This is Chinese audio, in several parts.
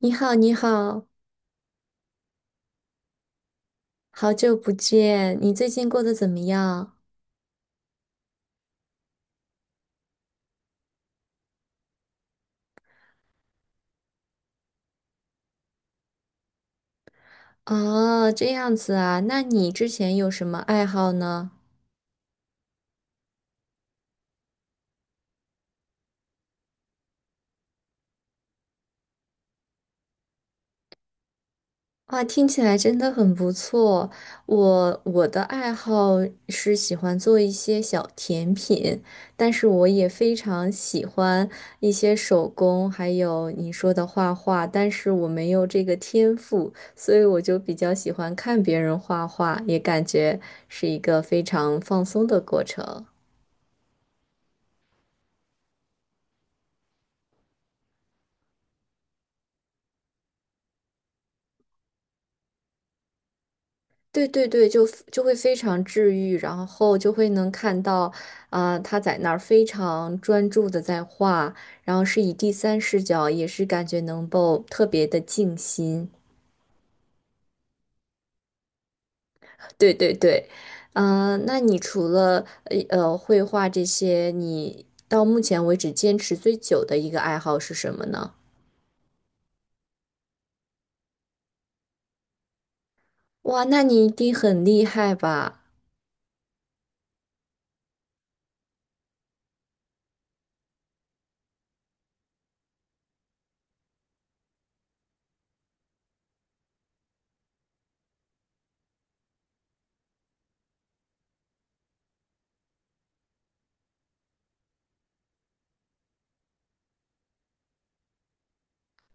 你好，你好，好久不见，你最近过得怎么样？哦，这样子啊，那你之前有什么爱好呢？哇，听起来真的很不错。我的爱好是喜欢做一些小甜品，但是我也非常喜欢一些手工，还有你说的画画，但是我没有这个天赋，所以我就比较喜欢看别人画画，也感觉是一个非常放松的过程。对对对，就会非常治愈，然后就会能看到，啊，他在那儿非常专注的在画，然后是以第三视角，也是感觉能够特别的静心。对对对，嗯，那你除了绘画这些，你到目前为止坚持最久的一个爱好是什么呢？哇，那你一定很厉害吧？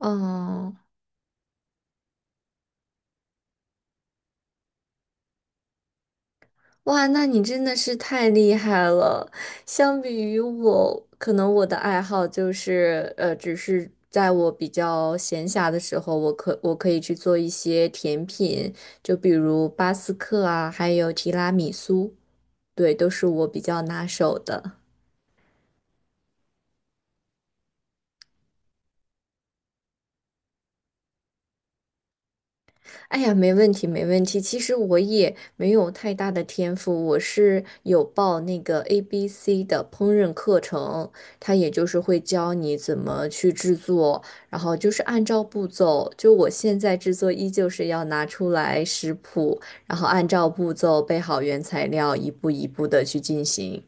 嗯。哇，那你真的是太厉害了！相比于我，可能我的爱好就是，只是在我比较闲暇的时候，我可以去做一些甜品，就比如巴斯克啊，还有提拉米苏，对，都是我比较拿手的。哎呀，没问题，没问题。其实我也没有太大的天赋，我是有报那个 ABC 的烹饪课程，它也就是会教你怎么去制作，然后就是按照步骤，就我现在制作依旧是要拿出来食谱，然后按照步骤备好原材料，一步一步的去进行。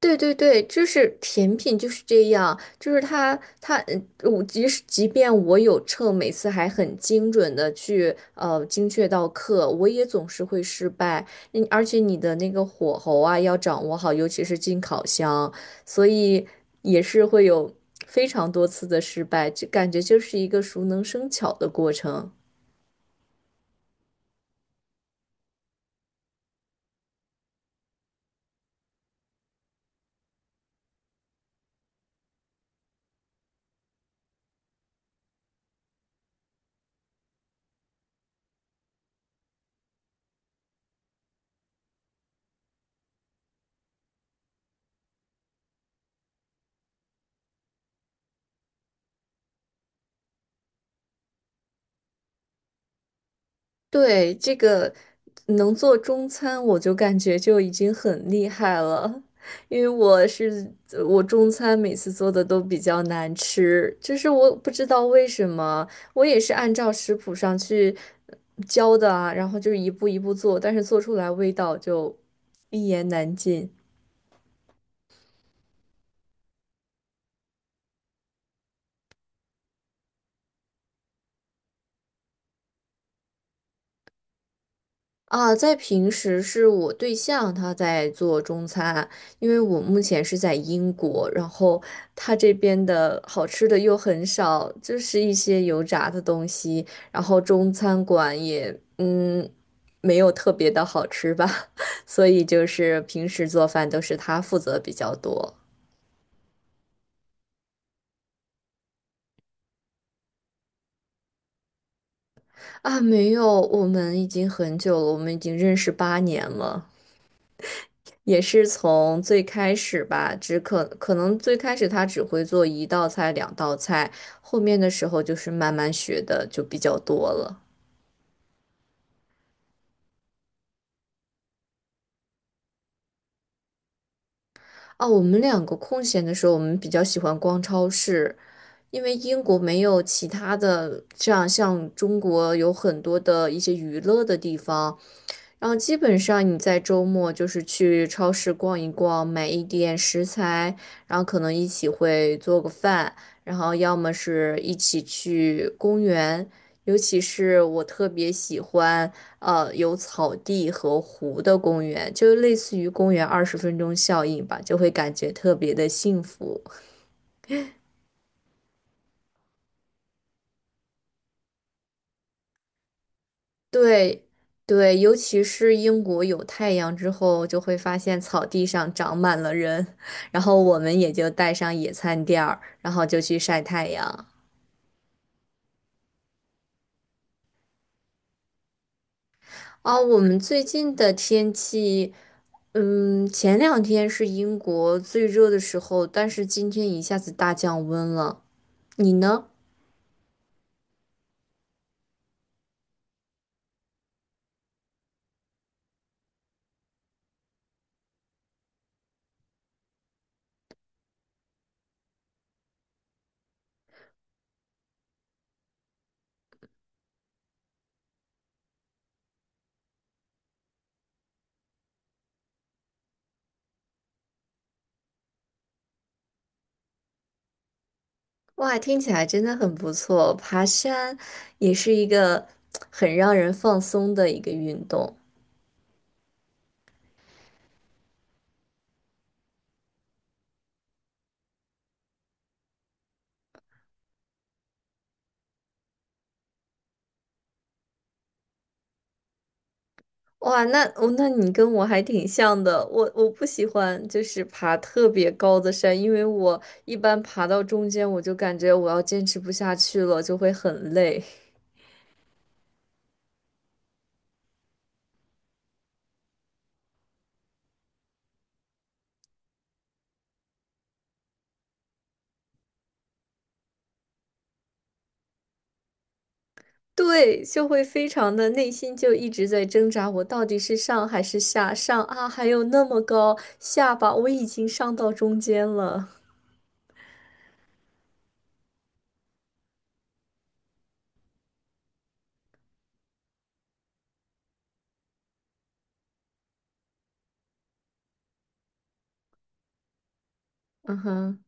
对对对，就是甜品就是这样，就是它，我即便我有秤，每次还很精准的去精确到克，我也总是会失败。嗯，而且你的那个火候啊要掌握好，尤其是进烤箱，所以也是会有非常多次的失败，就感觉就是一个熟能生巧的过程。对，这个能做中餐，我就感觉就已经很厉害了，因为我中餐每次做的都比较难吃，就是我不知道为什么，我也是按照食谱上去呃教的啊，然后就是一步一步做，但是做出来味道就一言难尽。啊，在平时是我对象他在做中餐，因为我目前是在英国，然后他这边的好吃的又很少，就是一些油炸的东西，然后中餐馆也没有特别的好吃吧，所以就是平时做饭都是他负责比较多。啊，没有，我们已经很久了，我们已经认识8年了。也是从最开始吧，可能最开始他只会做一道菜、两道菜，后面的时候就是慢慢学的就比较多了。啊，我们两个空闲的时候，我们比较喜欢逛超市，因为英国没有其他的这样像中国有很多的一些娱乐的地方，然后基本上你在周末就是去超市逛一逛，买一点食材，然后可能一起会做个饭，然后要么是一起去公园，尤其是我特别喜欢有草地和湖的公园，就类似于公园20分钟效应吧，就会感觉特别的幸福。对对，尤其是英国有太阳之后，就会发现草地上长满了人，然后我们也就带上野餐垫儿，然后就去晒太阳。哦，我们最近的天气，嗯，前两天是英国最热的时候，但是今天一下子大降温了。你呢？哇，听起来真的很不错，爬山也是一个很让人放松的一个运动。哇，那哦，那你跟我还挺像的。我不喜欢就是爬特别高的山，因为我一般爬到中间，我就感觉我要坚持不下去了，就会很累。对，就会非常的内心就一直在挣扎，我到底是上还是下？上啊，还有那么高，下吧，我已经上到中间了。嗯哼，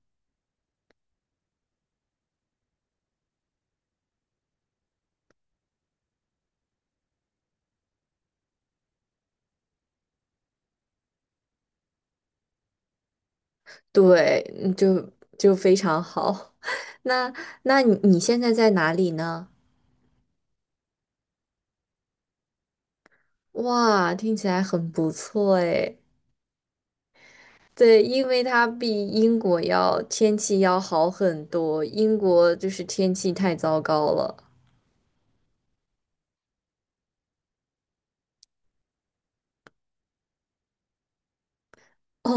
对，嗯，就非常好。那你现在在哪里呢？哇，听起来很不错诶。对，因为它比英国要天气要好很多，英国就是天气太糟糕了。哦，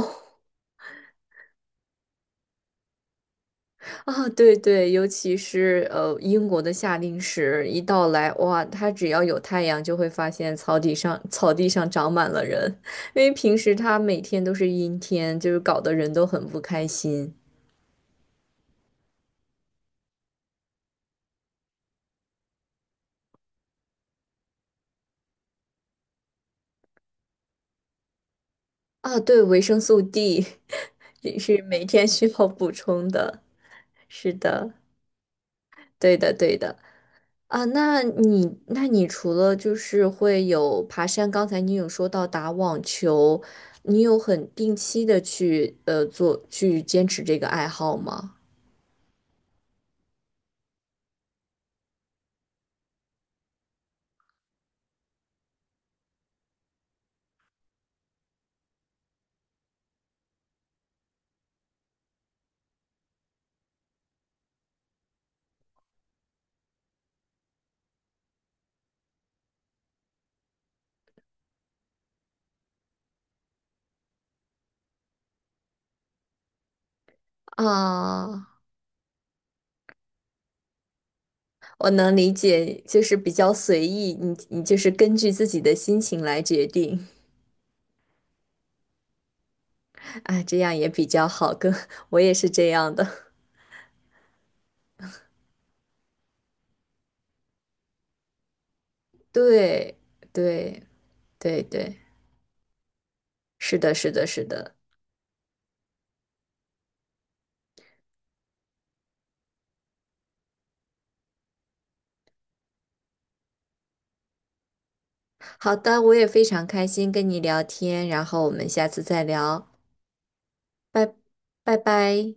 啊，对对，尤其是英国的夏令时一到来，哇，它只要有太阳，就会发现草地上长满了人，因为平时它每天都是阴天，就是搞得人都很不开心。啊，对，维生素 D 也是每天需要补充的。是的，对的，对的。啊，那你除了就是会有爬山，刚才你有说到打网球，你有很定期的去做去坚持这个爱好吗？啊，我能理解，就是比较随意，你就是根据自己的心情来决定，啊，这样也比较好，跟 我也是这样的，对对对对，是的，是的，是的，好的，我也非常开心跟你聊天，然后我们下次再聊。拜拜拜。